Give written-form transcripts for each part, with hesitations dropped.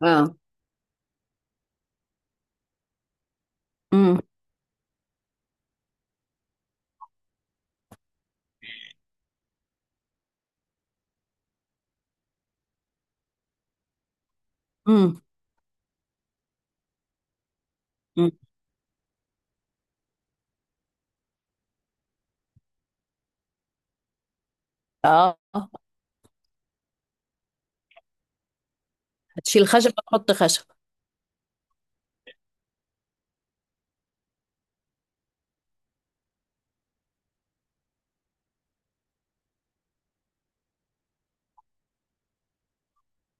اه. امم. امم. أمم. اه. هتشيل خشب، تحط خشب.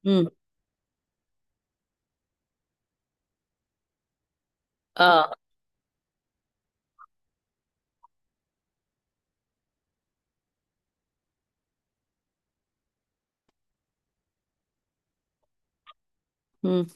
امم. اه. امم.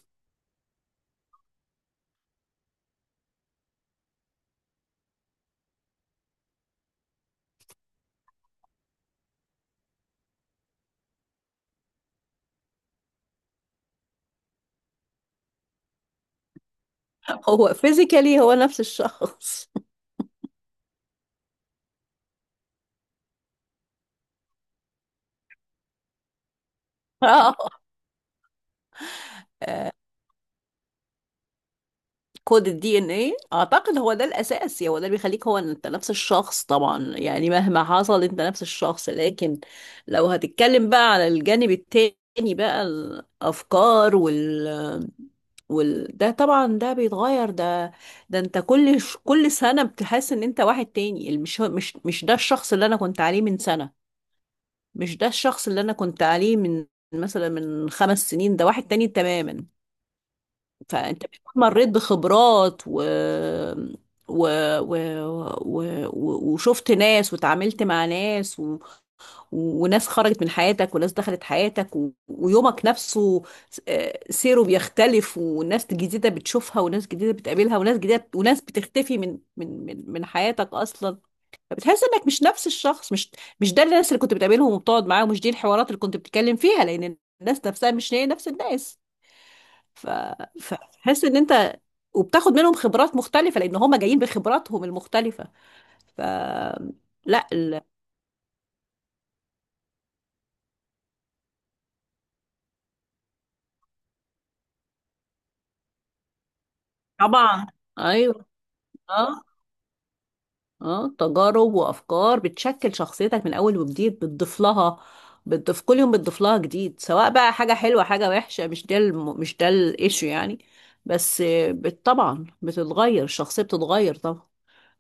هو فيزيكالي، هو نفس الشخص. اه. كود الدي ان ايه اعتقد هو ده الاساس، يعني هو ده اللي بيخليك هو، إن انت نفس الشخص طبعا، يعني مهما حصل انت نفس الشخص. لكن لو هتتكلم بقى على الجانب التاني، بقى الافكار وال وال ده طبعا، ده بيتغير. ده انت كل كل سنة بتحس ان انت واحد تاني. مش ده الشخص اللي انا كنت عليه من سنة، مش ده الشخص اللي انا كنت عليه من، مثلا، من خمس سنين. ده واحد تاني تماما. فانت بتكون مريت بخبرات و... و... وشفت ناس وتعاملت مع ناس وناس خرجت من حياتك وناس دخلت حياتك ويومك نفسه، سيره بيختلف، وناس جديدة بتشوفها وناس جديدة بتقابلها وناس جديدة وناس بتختفي من حياتك أصلا. فبتحس انك مش نفس الشخص. مش ده الناس اللي كنت بتقابلهم وبتقعد معاهم، مش دي الحوارات اللي كنت بتتكلم فيها، لان الناس نفسها مش هي نفس الناس. ف... فتحس ان انت، وبتاخد منهم خبرات مختلفة لان هم جايين بخبراتهم المختلفة. ف لا ال... طبعا. ايوه. اه. اه، تجارب وافكار بتشكل شخصيتك من اول وجديد، بتضيف لها، بتضيف كل يوم، بتضيف لها جديد، سواء بقى حاجة حلوة حاجة وحشة، مش ده الايشو يعني. بس طبعا بتتغير الشخصية، بتتغير طبعا.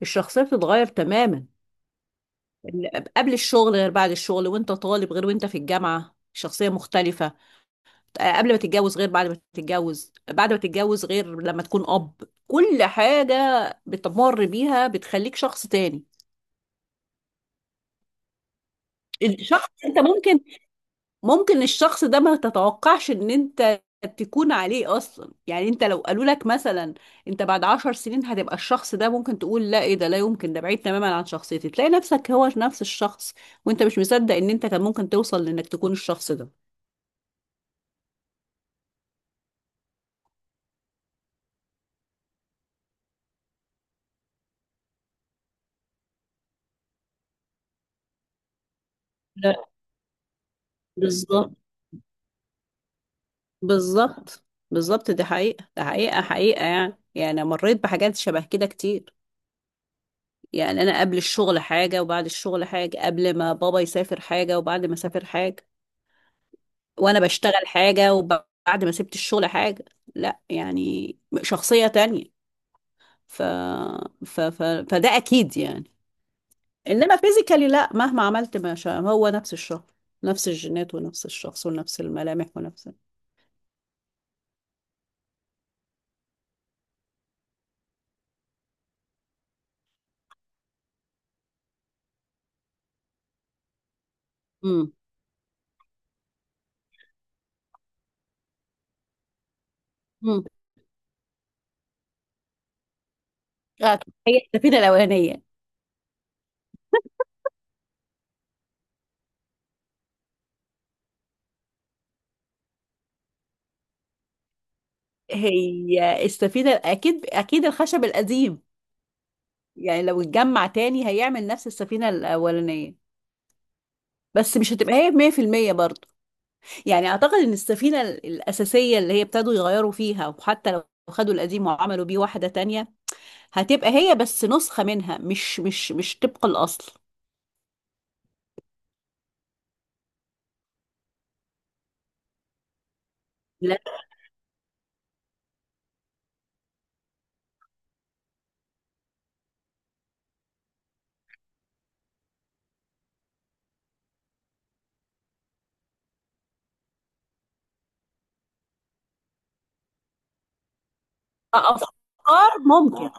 الشخصية بتتغير تماما. قبل الشغل غير بعد الشغل، وانت طالب غير وانت في الجامعة، شخصية مختلفة. قبل ما تتجوز غير بعد ما تتجوز، بعد ما تتجوز غير لما تكون أب. كل حاجة بتمر بيها بتخليك شخص تاني. الشخص انت ممكن الشخص ده ما تتوقعش ان انت تكون عليه اصلا. يعني انت لو قالوا لك مثلا انت بعد عشر سنين هتبقى الشخص ده، ممكن تقول لا، ايه ده؟ لا يمكن، ده بعيد تماما عن شخصيتي. تلاقي نفسك هو نفس الشخص، وانت مش مصدق ان انت كان ممكن توصل لانك تكون الشخص ده. لا. بالظبط، بالظبط، بالظبط. دي حقيقة، ده حقيقة حقيقة يعني. يعني أنا مريت بحاجات شبه كده كتير. يعني أنا قبل الشغل حاجة وبعد الشغل حاجة، قبل ما بابا يسافر حاجة وبعد ما سافر حاجة، وأنا بشتغل حاجة وبعد ما سبت الشغل حاجة. لا يعني، شخصية تانية. ف... فده أكيد يعني. إنما فيزيكالي لا، مهما عملت ما شاء هو نفس الشخص، نفس الجينات ونفس الشخص ونفس الملامح ونفس. امم. امم. هي السفينة الأولانية. هي السفينة أكيد، أكيد الخشب القديم، يعني لو اتجمع تاني هيعمل نفس السفينة الأولانية، بس مش هتبقى هي 100% برضه. يعني أعتقد إن السفينة الأساسية اللي هي ابتدوا يغيروا فيها، وحتى لو خدوا القديم وعملوا بيه واحدة تانية، هتبقى هي بس نسخة منها، مش طبق الأصل. لا، كأفكار ممكن.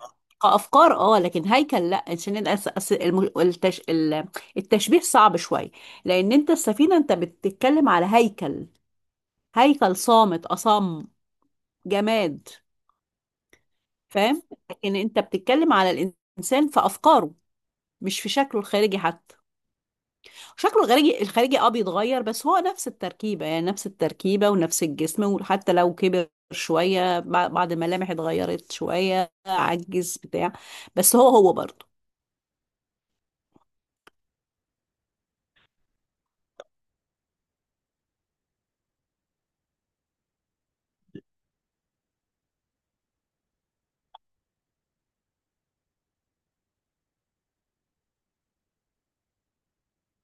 كأفكار اه، لكن هيكل لا، عشان التشبيه صعب شوية. لأن أنت السفينة، أنت بتتكلم على هيكل، هيكل صامت أصم جماد، فاهم؟ لكن انت بتتكلم على الإنسان في أفكاره، مش في شكله الخارجي حتى. شكله الخارجي بيتغير، بس هو نفس التركيبة، يعني نفس التركيبة ونفس الجسم، وحتى لو كبر شوية بعض الملامح اتغيرت شوية، عجز بتاع، بس هو هو برضه.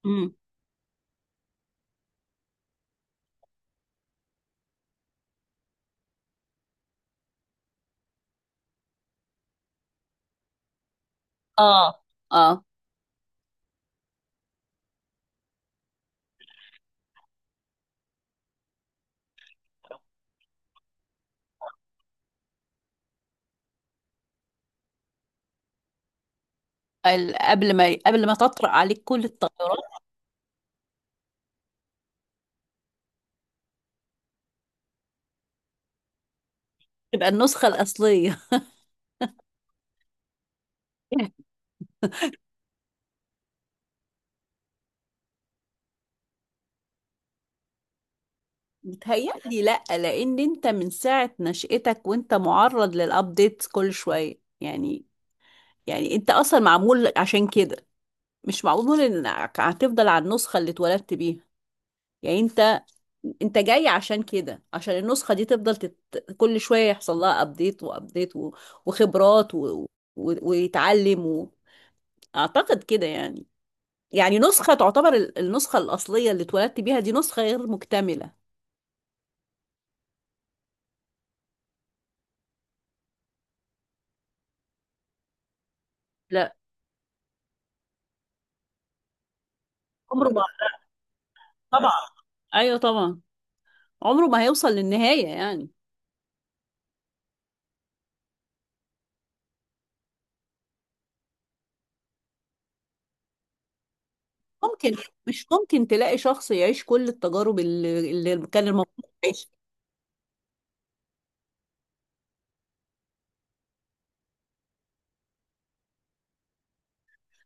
امم. اه. اه، قبل ما تطرق عليك كل التغيرات، تبقى النسخة الأصلية. بتهيألي لأ، لأن أنت من ساعة نشأتك وأنت معرض للأبديت كل شوية يعني أنت أصلا معمول عشان كده، مش معمول إنك هتفضل على النسخة اللي اتولدت بيها. يعني أنت جاي عشان كده، عشان النسخة دي تفضل كل شوية يحصل لها أبديت وأبديت وخبرات ويتعلم أعتقد كده يعني. يعني نسخة تعتبر النسخة الأصلية اللي اتولدت بيها، دي نسخة غير مكتملة. لا، عمره ما، طبعا، أيوه طبعا، عمره ما هيوصل للنهاية يعني. ممكن، مش ممكن تلاقي شخص يعيش كل التجارب اللي كان المفروض يعيشها.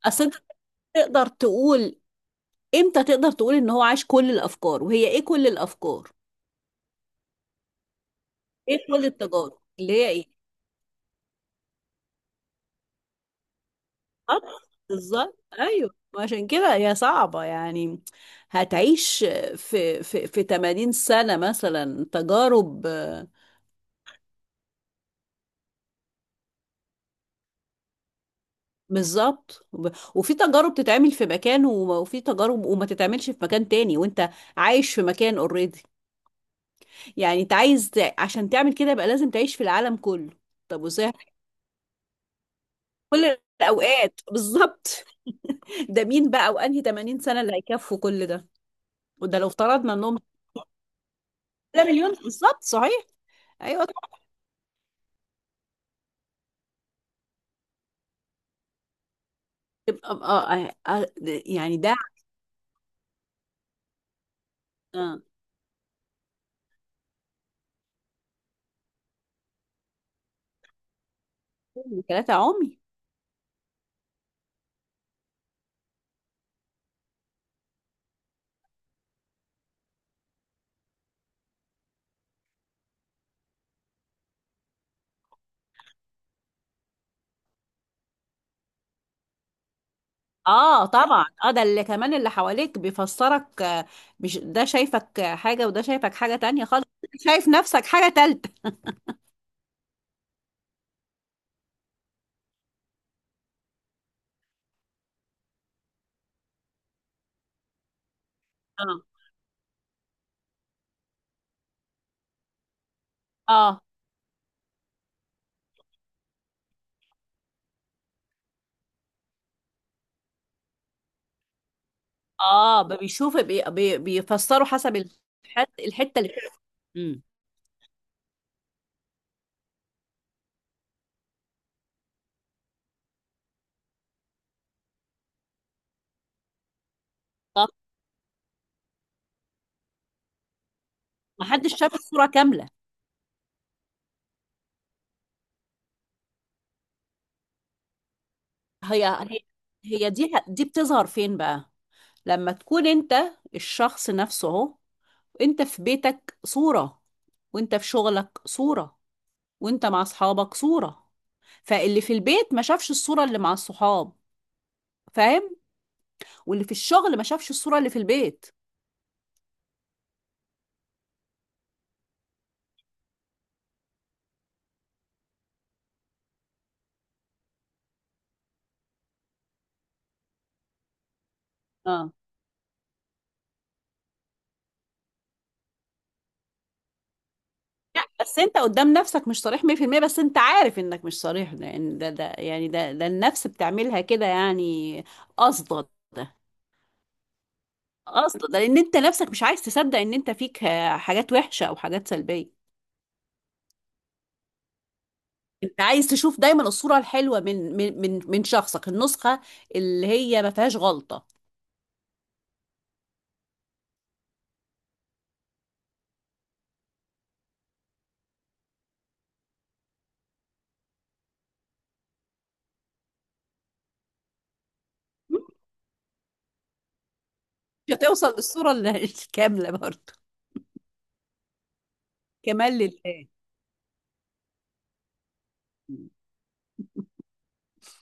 اصل انت تقدر تقول، امتى تقدر تقول ان هو عاش كل الافكار، وهي ايه كل الافكار، ايه كل التجارب اللي هي ايه؟ آه، بالظبط، ايوه، عشان كده هي صعبة يعني. هتعيش في 80 سنة مثلا تجارب. بالظبط، وفي تجارب تتعمل في مكان وفي تجارب وما تتعملش في مكان تاني، وانت عايش في مكان اوريدي. يعني انت عايز عشان تعمل كده يبقى لازم تعيش في العالم كله. طب وازاي، كل الاوقات بالظبط. ده مين بقى، وانهي 80 سنة اللي هيكفوا كل ده؟ وده لو افترضنا انهم، ده مليون بالظبط، صحيح. ايوه طبعا. يبقى- اه آه، آه، يعني ده ثلاثة عمي. اه. طبعا اه، ده اللي كمان اللي حواليك بيفسرك. مش ده شايفك حاجة، وده شايفك حاجة تانية خالص، شايف نفسك حاجة تالتة. اه. اه. اه بيشوف، بي بي بيفسروا حسب الحتة اللي. امم. طب، ما حدش شاف الصورة كاملة. هي هي هي دي بتظهر فين بقى؟ لما تكون انت الشخص نفسه اهو، انت في بيتك صورة، وانت في شغلك صورة، وانت مع اصحابك صورة، فاللي في البيت ما شافش الصورة اللي مع الصحاب، فاهم؟ واللي في الشغل ما شافش الصورة اللي في البيت. اه. بس انت قدام نفسك مش صريح 100%، بس انت عارف انك مش صريح، لان ده يعني ده النفس بتعملها كده يعني. قصدا، قصدا، ده لان انت نفسك مش عايز تصدق ان انت فيك حاجات وحشة او حاجات سلبية. انت عايز تشوف دايما الصورة الحلوة من شخصك، النسخة اللي هي ما فيهاش غلطة. مش هتوصل للصورة الكاملة برضه. كمال لله.